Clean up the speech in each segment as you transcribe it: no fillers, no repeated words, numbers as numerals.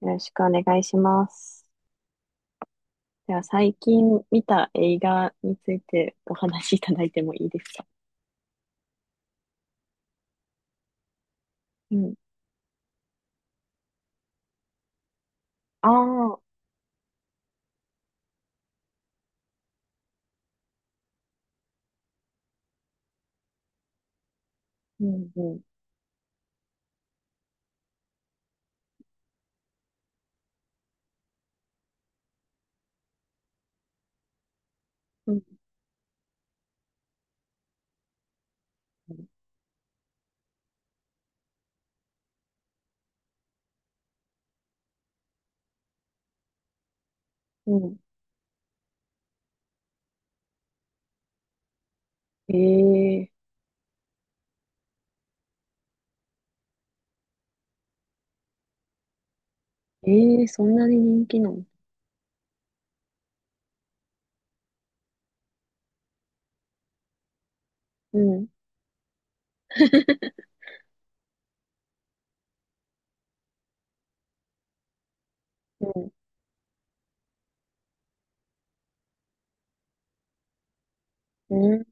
よろしくお願いします。では、最近見た映画についてお話しいただいてもいいですか？うん。ああ、うん、うん、うん、うん。えええー、そんなに人気なの？うん、うん、う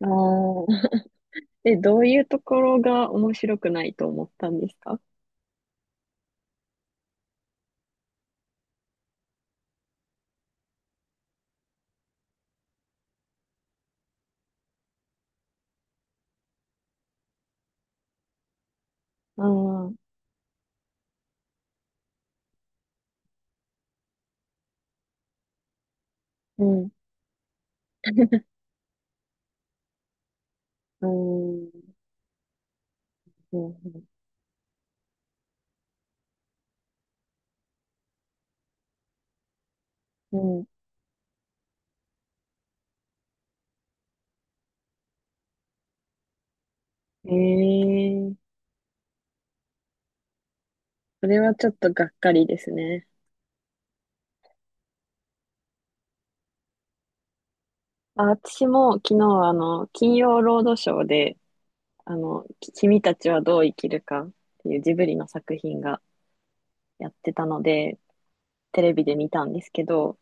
ん。ああ。え、どういうところが面白くないと思ったんですか？ああー、うん、うん、うん、うん。ええー、それはちょっとがっかりですね。あ、私も昨日、金曜ロードショーで、君たちはどう生きるかっていうジブリの作品がやってたので、テレビで見たんですけど、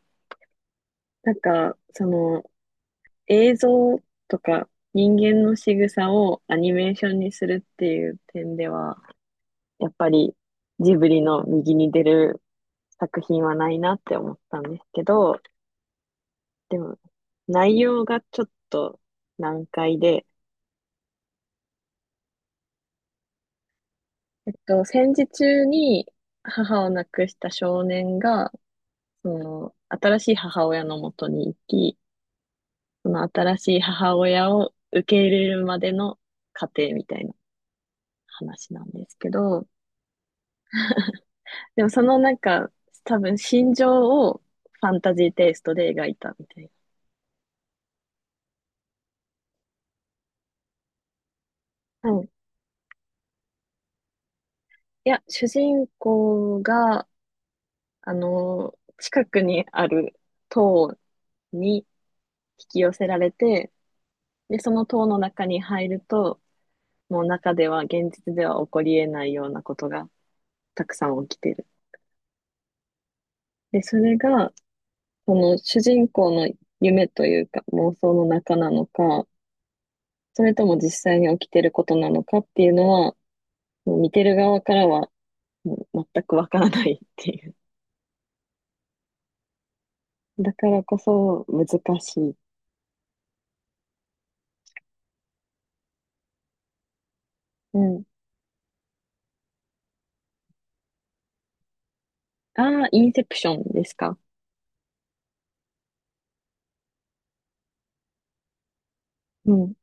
なんか、映像とか人間の仕草をアニメーションにするっていう点では、やっぱりジブリの右に出る作品はないなって思ったんですけど、でも、内容がちょっと難解で、戦時中に母を亡くした少年が、その、新しい母親のもとに行き、その新しい母親を受け入れるまでの過程みたいな話なんですけど、でもなんか、多分心情をファンタジーテイストで描いたみたいな。はい。いや、主人公が、近くにある塔に引き寄せられて、で、その塔の中に入ると、の中では現実では起こり得ないようなことがたくさん起きてる。で、それが、この主人公の夢というか妄想の中なのか、それとも実際に起きてることなのかっていうのは、もう見てる側からはもう全くわからないっていう。だからこそ難しい。うん。ああ、インセプションですか。うん。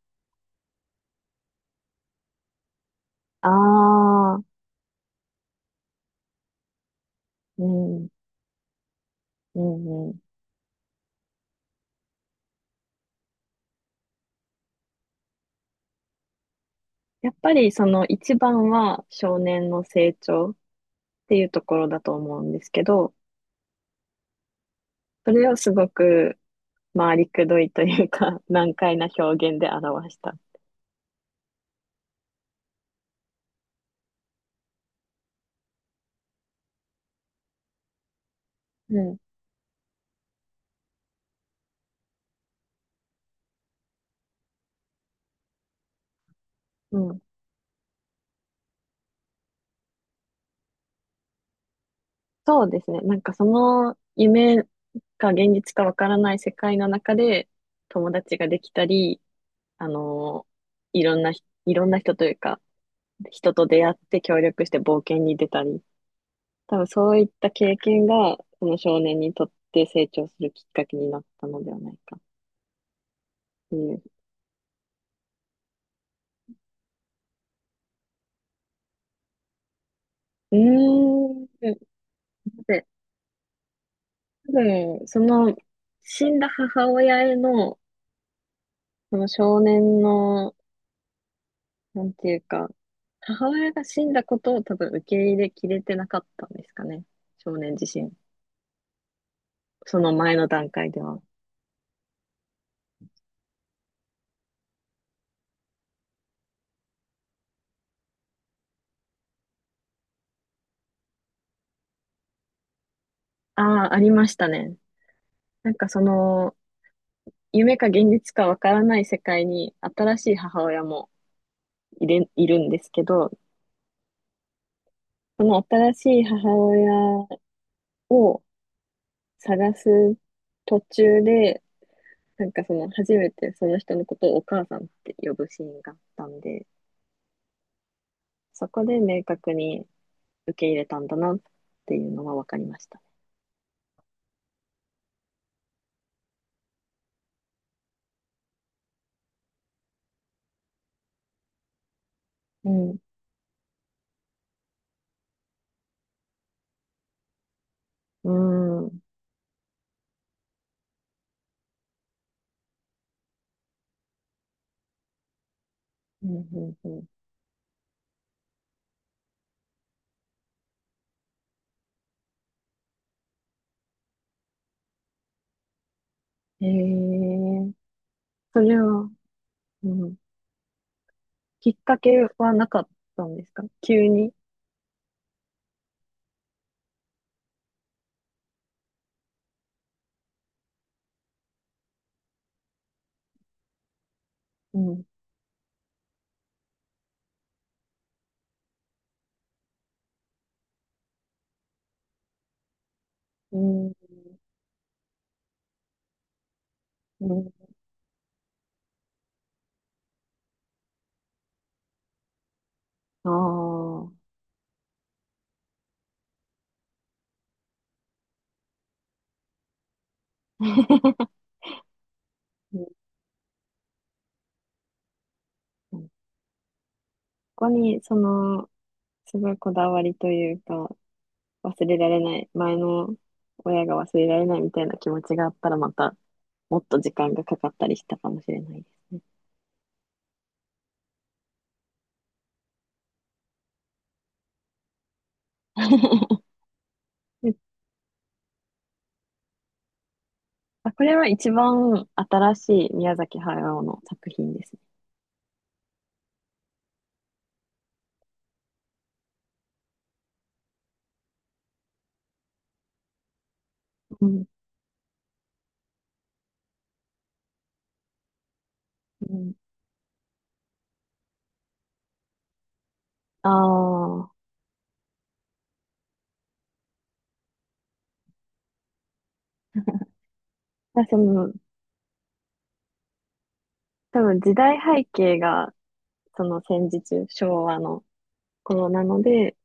ああ、うん、うん、うん。やっぱりその一番は少年の成長。っていうところだと思うんですけど、それをすごく回りくどいというか、難解な表現で表した。うん、うん。そうですね。なんかその夢か現実かわからない世界の中で友達ができたり、あのいろんな人というか、人と出会って協力して冒険に出たり、多分そういった経験が、この少年にとって成長するきっかけになったのではないかっていう。うーん。で、多分、死んだ母親への、その少年の、なんていうか、母親が死んだことを多分受け入れきれてなかったんですかね。少年自身。その前の段階では。ああ、ありましたね。なんか夢か現実かわからない世界に新しい母親もいるんですけど、その新しい母親を探す途中で、なんか初めてその人のことをお母さんって呼ぶシーンがあったんで、そこで明確に受け入れたんだなっていうのは分かりました。うん。うーん。うん、うん、うん。へえ。それは、うん。きっかけはなかったんですか？急に。うん。うん。うん。ああ。うん。ここに、すごいこだわりというか、忘れられない、前の親が忘れられないみたいな気持ちがあったら、またもっと時間がかかったりしたかもしれないですね。で、あ、これは一番新しい宮崎駿の作品ですね。うん。うん。ああ、だから多分時代背景がその戦時中、昭和の頃なので、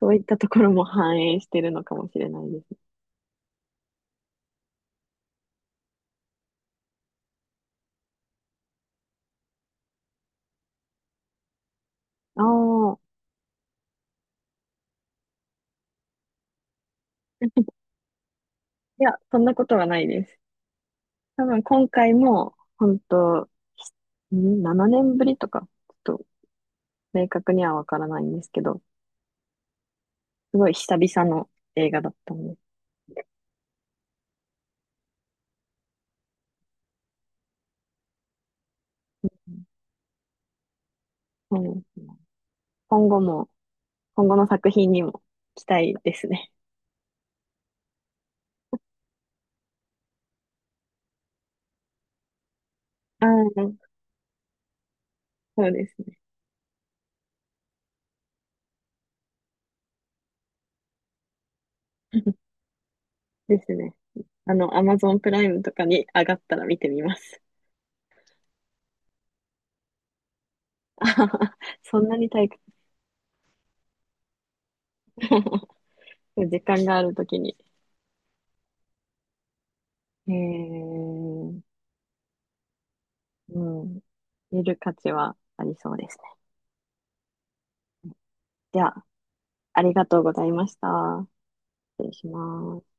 そういったところも反映してるのかもしれないです。ああ、いや、そんなことはないです。多分今回も、本当7年ぶりとか、ちょっと明確にはわからないんですけど、すごい久々の映画だったんで、うん、今後も、今後の作品にも期待ですね。ああ、そうですね。ですね。アマゾンプライムとかに上がったら見てみます。あはは、そんなに退屈？時間があるときに、えー、うん、見る価値はありそうですね。では、ありがとうございました。失礼します。